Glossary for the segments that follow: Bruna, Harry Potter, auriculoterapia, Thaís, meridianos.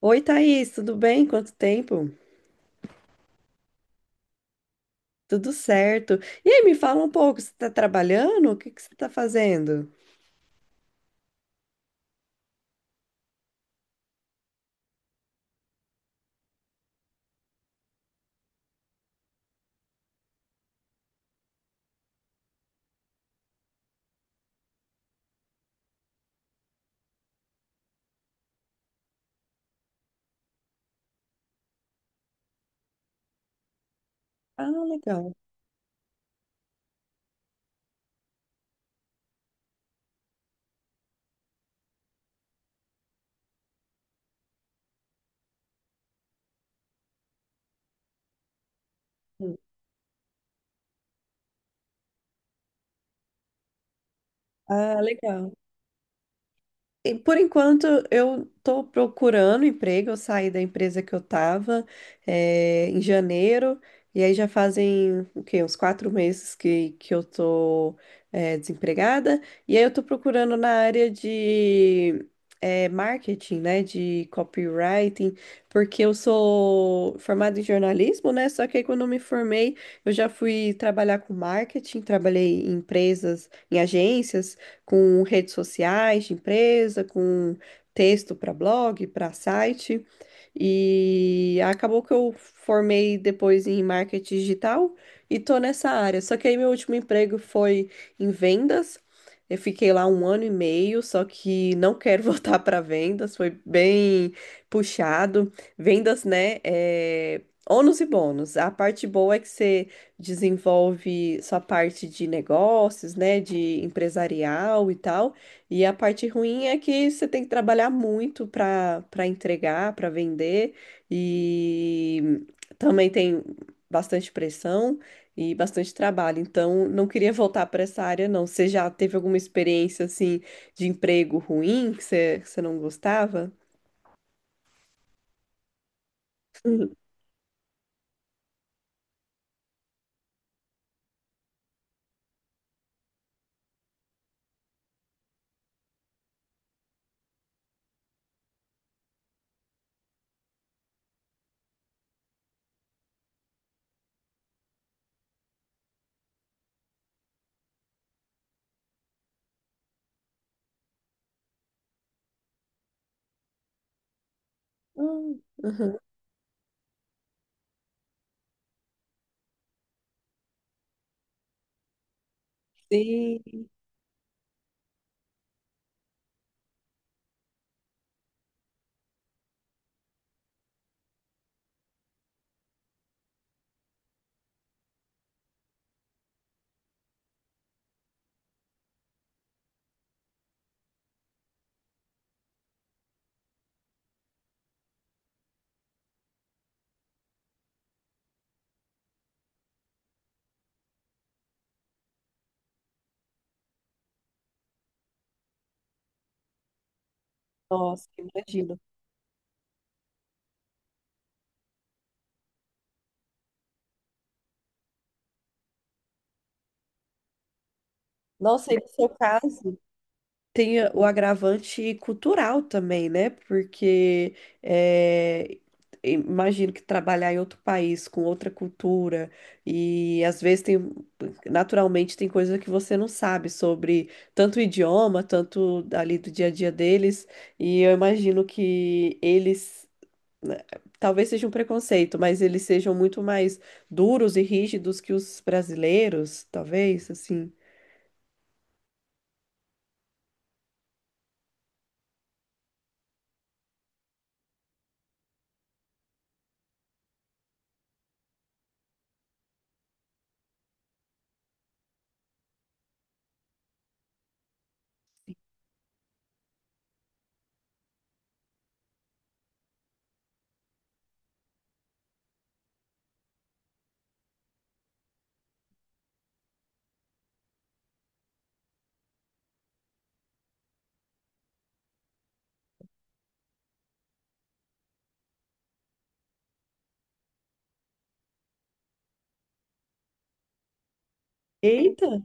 Oi, Thaís, tudo bem? Quanto tempo? Tudo certo. E aí, me fala um pouco, você está trabalhando? O que que você está fazendo? Ah, legal. Ah, legal. E, por enquanto, eu estou procurando emprego. Eu saí da empresa que eu estava em janeiro, e aí já fazem o quê? Uns 4 meses que eu estou desempregada. E aí eu estou procurando na área de marketing, né? De copywriting, porque eu sou formada em jornalismo, né? Só que aí quando eu me formei, eu já fui trabalhar com marketing, trabalhei em empresas, em agências com redes sociais de empresa, com texto para blog, para site. E acabou que eu formei depois em marketing digital e tô nessa área. Só que aí meu último emprego foi em vendas. Eu fiquei lá um ano e meio, só que não quero voltar para vendas, foi bem puxado. Vendas, né? Ônus e bônus. A parte boa é que você desenvolve sua parte de negócios, né, de empresarial e tal. E a parte ruim é que você tem que trabalhar muito para entregar, para vender e também tem bastante pressão e bastante trabalho. Então, não queria voltar para essa área, não. Você já teve alguma experiência assim de emprego ruim que você não gostava? Uhum. Uhum. Sim, nossa, imagino. Nossa, e no seu caso? Tem o agravante cultural também, né? Porque eh, imagino que trabalhar em outro país com outra cultura e às vezes tem naturalmente tem coisa que você não sabe sobre tanto o idioma, tanto ali do dia a dia deles, e eu imagino que eles, né, talvez seja um preconceito, mas eles sejam muito mais duros e rígidos que os brasileiros, talvez, assim. Eita!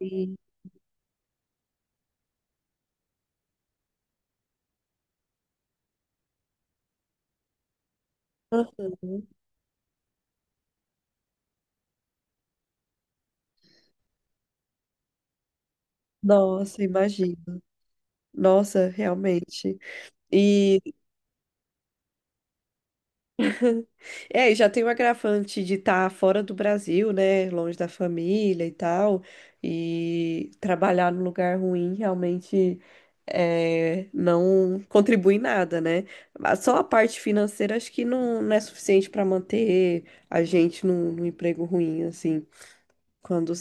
Sim. Nossa, imagino. Nossa, realmente. E é, e já tem o agravante de estar fora do Brasil, né? Longe da família e tal. E trabalhar num lugar ruim realmente é, não contribui em nada, né? Mas só a parte financeira acho que não é suficiente para manter a gente num emprego ruim, assim. Quando.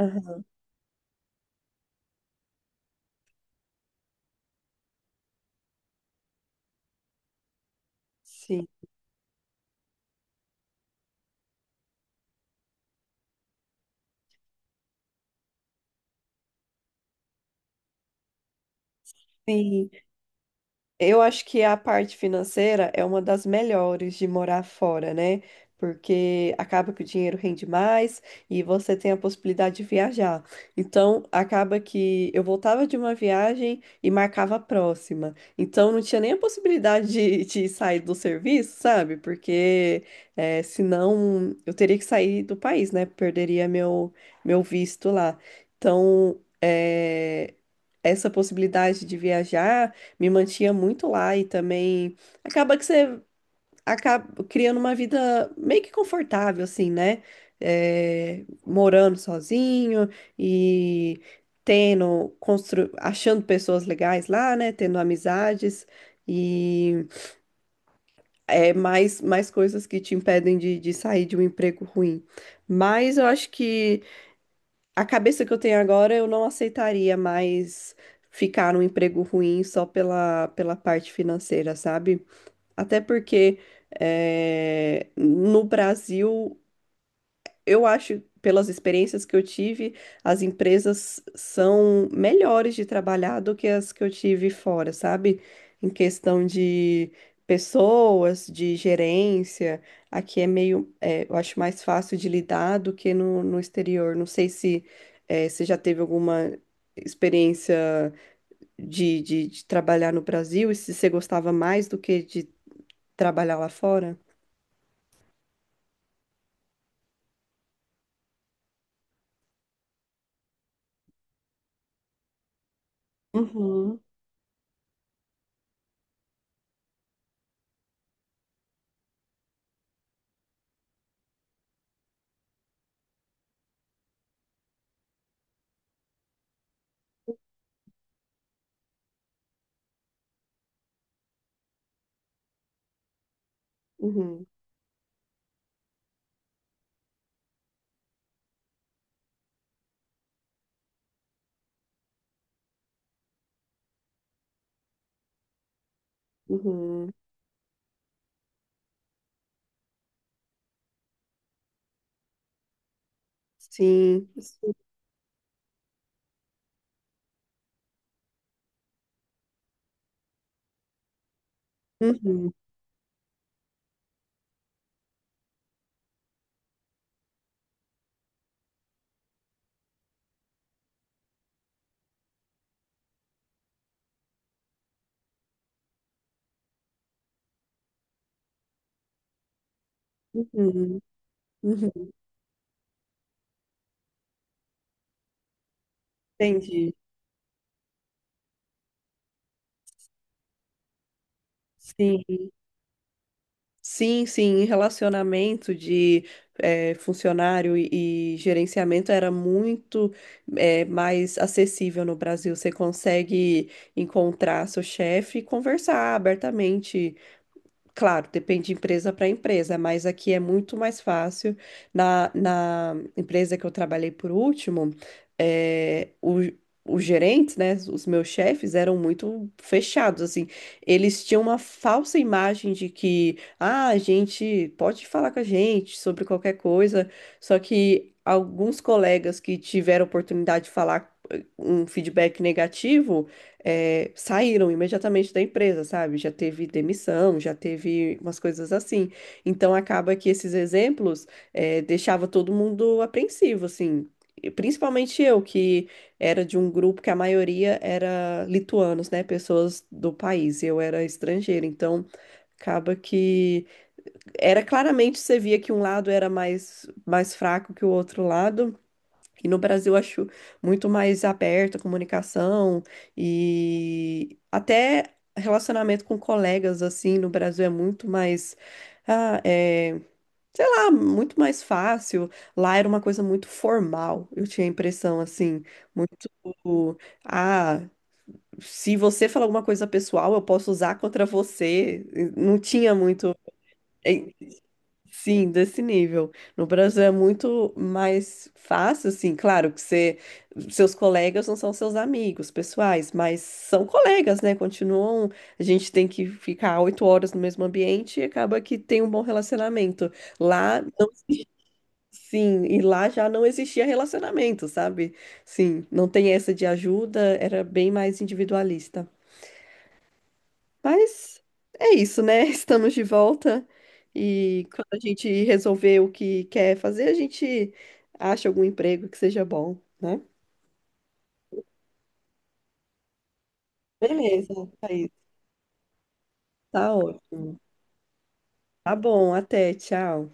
Aham, sim. Sim. Eu acho que a parte financeira é uma das melhores de morar fora, né? Porque acaba que o dinheiro rende mais e você tem a possibilidade de viajar. Então, acaba que eu voltava de uma viagem e marcava a próxima. Então, não tinha nem a possibilidade de sair do serviço, sabe? Porque senão eu teria que sair do país, né? Perderia meu, meu visto lá. Então, essa possibilidade de viajar me mantinha muito lá e também acaba que você acaba criando uma vida meio que confortável, assim, né? É, morando sozinho e tendo, achando pessoas legais lá, né? Tendo amizades e é, mais coisas que te impedem de sair de um emprego ruim. Mas eu acho que a cabeça que eu tenho agora, eu não aceitaria mais ficar num emprego ruim só pela parte financeira, sabe? Até porque no Brasil, eu acho, pelas experiências que eu tive, as empresas são melhores de trabalhar do que as que eu tive fora, sabe? Em questão de pessoas, de gerência, aqui é meio, eu acho mais fácil de lidar do que no exterior. Não sei se você já teve alguma experiência de trabalhar no Brasil e se você gostava mais do que de trabalhar lá fora. Uhum, uhum, uhum. Sim, sim, uhum, uhum, uhum. Entendi. Sim, sim, sim. Em relacionamento de funcionário e gerenciamento era muito mais acessível no Brasil. Você consegue encontrar seu chefe e conversar abertamente. Claro, depende de empresa para empresa, mas aqui é muito mais fácil. Na empresa que eu trabalhei por último, eh, o- os gerentes, né, os meus chefes eram muito fechados, assim. Eles tinham uma falsa imagem de que, ah, a gente pode falar com a gente sobre qualquer coisa, só que alguns colegas que tiveram oportunidade de falar um feedback negativo saíram imediatamente da empresa, sabe? Já teve demissão, já teve umas coisas assim. Então acaba que esses exemplos deixava todo mundo apreensivo, assim. E principalmente eu, que era de um grupo que a maioria era lituanos, né? Pessoas do país. Eu era estrangeira, então acaba que era claramente você via que um lado era mais fraco que o outro lado, e no Brasil eu acho muito mais aberta a comunicação e até relacionamento com colegas assim no Brasil é muito mais, ah, é, sei lá, muito mais fácil. Lá era uma coisa muito formal, eu tinha a impressão assim, muito, ah, se você falar alguma coisa pessoal, eu posso usar contra você. Não tinha muito. Sim, desse nível. No Brasil é muito mais fácil, assim, claro que você, seus colegas não são seus amigos pessoais, mas são colegas, né? Continuam, a gente tem que ficar 8 horas no mesmo ambiente e acaba que tem um bom relacionamento. Lá, não, sim, e lá já não existia relacionamento, sabe? Sim, não tem essa de ajuda, era bem mais individualista. Mas é isso, né? Estamos de volta e quando a gente resolver o que quer fazer, a gente acha algum emprego que seja bom, né? Beleza, Thaís. Tá ótimo. Tá bom, até, tchau.